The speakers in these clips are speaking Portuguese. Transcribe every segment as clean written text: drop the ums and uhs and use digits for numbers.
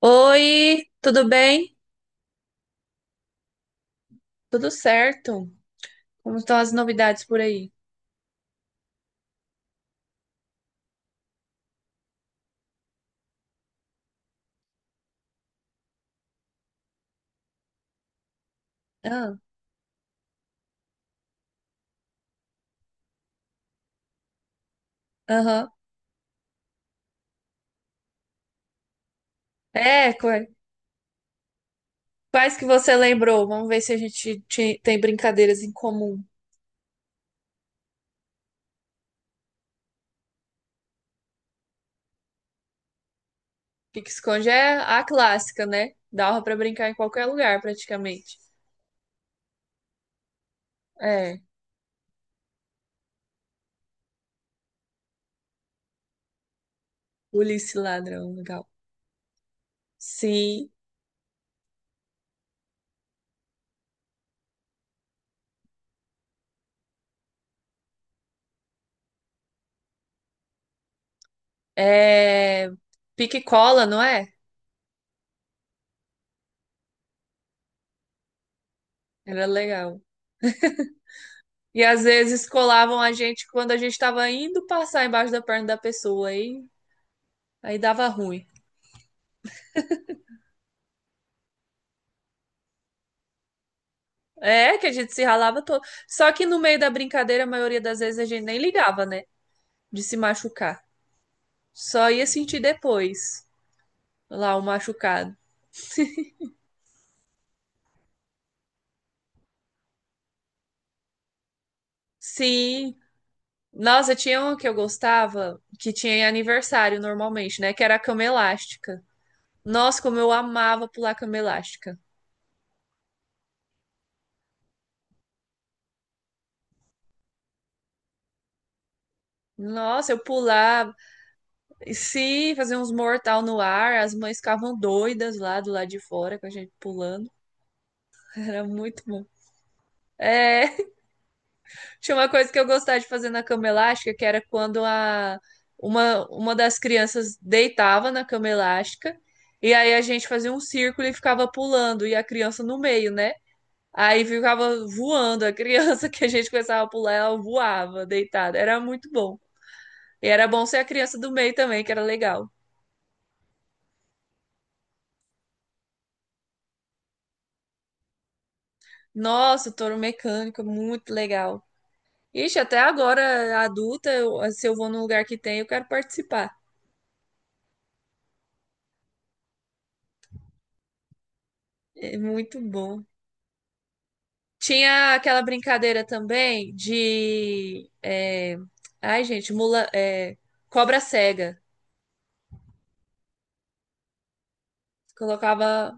Oi, tudo bem? Tudo certo? Como estão as novidades por aí? Ah, aham. É, quais que você lembrou? Vamos ver se a gente tem brincadeiras em comum. Pique esconde é a clássica, né? Dava pra brincar em qualquer lugar, praticamente. É, polícia e ladrão, legal. Sim, é pique e cola, não é? Era legal. E às vezes colavam a gente quando a gente estava indo passar embaixo da perna da pessoa, aí dava ruim. É, que a gente se ralava todo. Só que no meio da brincadeira, a maioria das vezes a gente nem ligava, né? De se machucar. Só ia sentir depois lá o machucado. Sim. Nossa, tinha uma que eu gostava, que tinha em aniversário normalmente, né? Que era a cama elástica. Nossa, como eu amava pular cama elástica. Nossa, eu pulava. E sim, fazia uns mortal no ar. As mães ficavam doidas lá do lado de fora com a gente pulando. Era muito bom. É. Tinha uma coisa que eu gostava de fazer na cama elástica, que era quando uma das crianças deitava na cama elástica, e aí a gente fazia um círculo e ficava pulando, e a criança no meio, né? Aí ficava voando, a criança que a gente começava a pular, ela voava deitada. Era muito bom. E era bom ser a criança do meio também, que era legal. Nossa, touro mecânico, muito legal. Ixi, até agora, adulta, se eu vou num lugar que tem, eu quero participar. É muito bom. Tinha aquela brincadeira também de. Ai, gente, mula. Cobra cega. Colocava.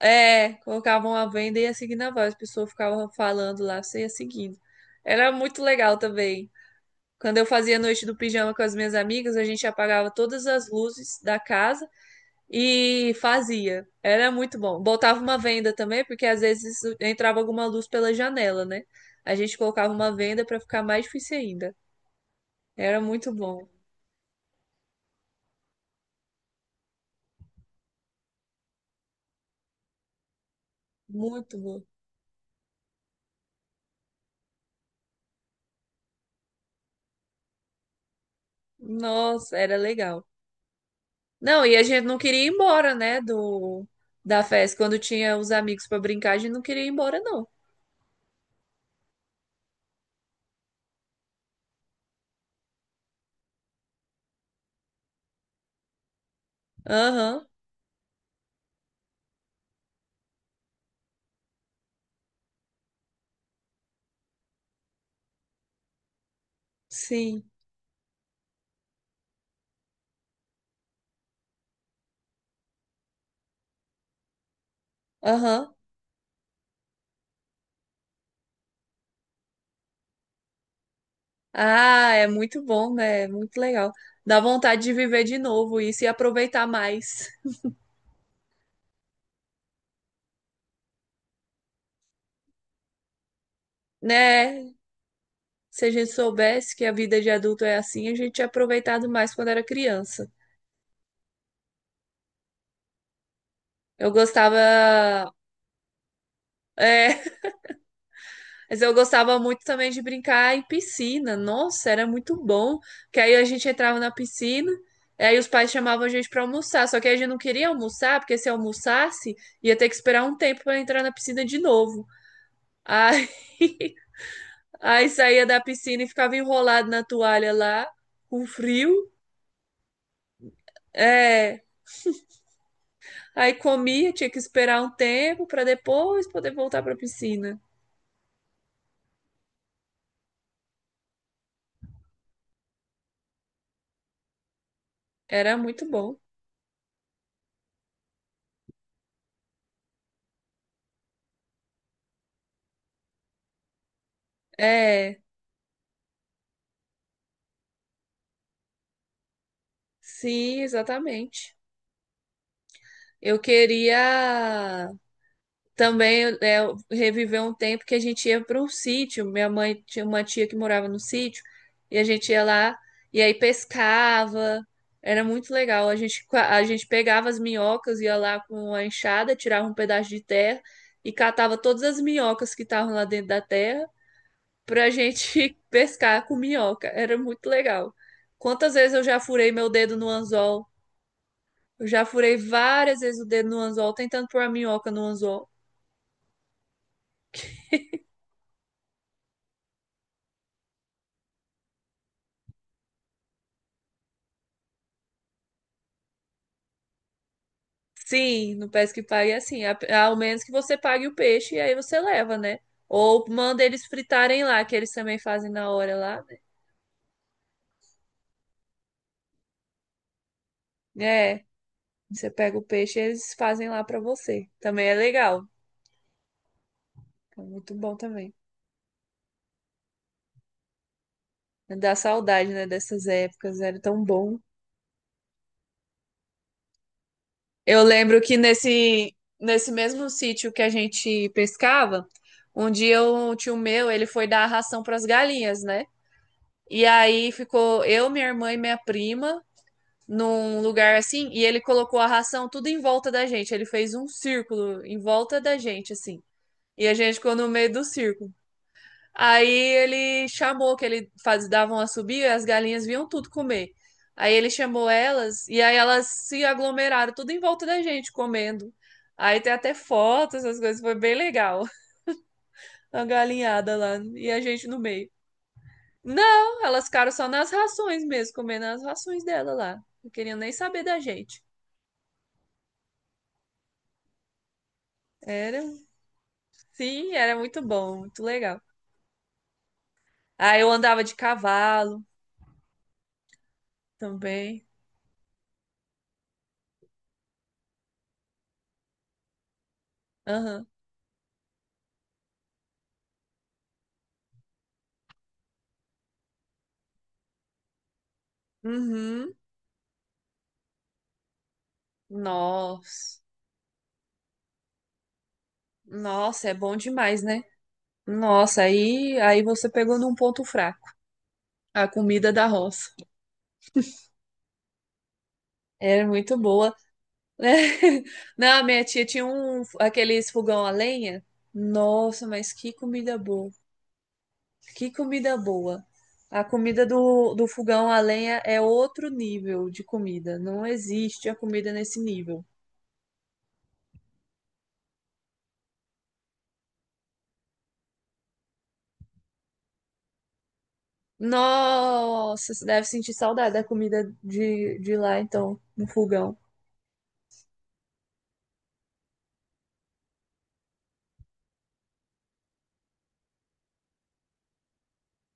É, colocavam a venda e ia seguindo a voz. A pessoa ficava falando lá, você ia seguindo. Era muito legal também. Quando eu fazia noite do pijama com as minhas amigas, a gente apagava todas as luzes da casa e fazia. Era muito bom. Botava uma venda também, porque às vezes entrava alguma luz pela janela, né? A gente colocava uma venda para ficar mais difícil ainda. Era muito bom. Nossa, era legal. Não, e a gente não queria ir embora, né, do da festa. Quando tinha os amigos pra brincar, a gente não queria ir embora, não. Aham, sim, aham. Ah, é muito bom, né? É muito legal. Dá vontade de viver de novo isso e aproveitar mais, né? Se a gente soubesse que a vida de adulto é assim, a gente tinha aproveitado mais quando era criança. Eu gostava. é, Mas eu gostava muito também de brincar em piscina. Nossa, era muito bom. Porque aí a gente entrava na piscina, aí os pais chamavam a gente para almoçar. Só que a gente não queria almoçar, porque se almoçasse, ia ter que esperar um tempo para entrar na piscina de novo. Aí, aí saía da piscina e ficava enrolado na toalha lá, com frio. É, aí comia, tinha que esperar um tempo para depois poder voltar para a piscina. Era muito bom. É, sim, exatamente. Eu queria também reviver um tempo que a gente ia para um sítio. Minha mãe tinha uma tia que morava no sítio e a gente ia lá e aí pescava. Era muito legal. A gente, a gente pegava as minhocas, ia lá com a enxada, tirava um pedaço de terra e catava todas as minhocas que estavam lá dentro da terra pra gente pescar com minhoca. Era muito legal. Quantas vezes eu já furei meu dedo no anzol eu já furei várias vezes o dedo no anzol, tentando pôr a minhoca no anzol. Sim, no Pesca e Pague é assim. Ao menos que você pague o peixe e aí você leva, né? Ou manda eles fritarem lá, que eles também fazem na hora lá, né? É, você pega o peixe e eles fazem lá pra você. Também é legal. É muito bom também. Dá saudade, né, dessas épocas, era tão bom. Eu lembro que nesse mesmo sítio que a gente pescava, um dia um tio meu, ele foi dar ração pras galinhas, né? E aí ficou eu, minha irmã e minha prima num lugar assim, e ele colocou a ração tudo em volta da gente. Ele fez um círculo em volta da gente, assim. E a gente ficou no meio do círculo. Aí ele chamou que ele faz, davam a subir e as galinhas vinham tudo comer. Aí ele chamou elas e aí elas se aglomeraram tudo em volta da gente comendo. Aí tem até fotos, essas coisas, foi bem legal. A galinhada lá e a gente no meio. Não, elas ficaram só nas rações mesmo, comendo as rações dela lá. Não queriam nem saber da gente. Era, sim, era muito bom, muito legal. Ah, eu andava de cavalo também. Aham. Uhum. Nossa. Nossa, é bom demais, né? Nossa, aí você pegou num ponto fraco. A comida da roça. Era muito boa. Não, minha tia tinha um, aqueles fogão a lenha. Nossa, mas que comida boa. Que comida boa. A comida do, do fogão a lenha é outro nível de comida. Não existe a comida nesse nível. Nossa, você deve sentir saudade da comida de lá, então, no fogão.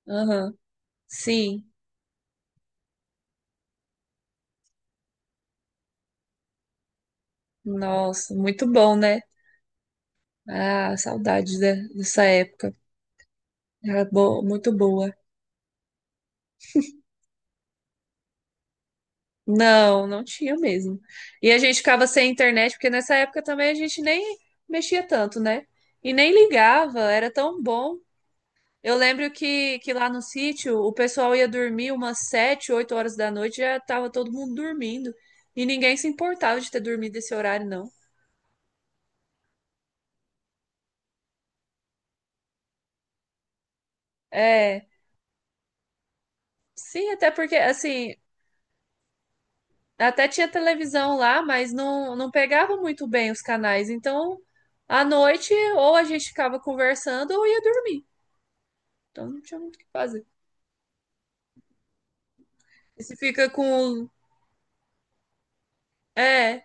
Aham. Sim. Nossa, muito bom, né? Ah, dessa época. Muito boa. Não, não tinha mesmo. E a gente ficava sem internet, porque nessa época também a gente nem mexia tanto, né? E nem ligava, era tão bom. Eu lembro que lá no sítio o pessoal ia dormir umas 7, 8 horas da noite, já tava todo mundo dormindo. E ninguém se importava de ter dormido esse horário, não. É, sim, até porque, assim, até tinha televisão lá, mas não pegava muito bem os canais. Então, à noite, ou a gente ficava conversando ou ia dormir. Então, não tinha muito o que fazer. E se fica com. É,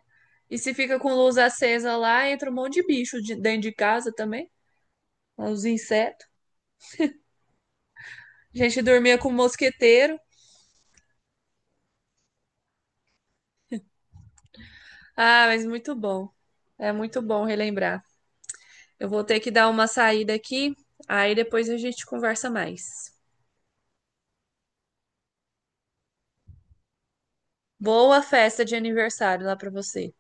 e se fica com luz acesa lá, entra um monte de dentro de casa também, os insetos. A gente dormia com o mosqueteiro. Ah, mas muito bom. É muito bom relembrar. Eu vou ter que dar uma saída aqui, aí depois a gente conversa mais. Boa festa de aniversário lá para você.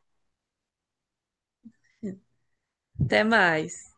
Até mais.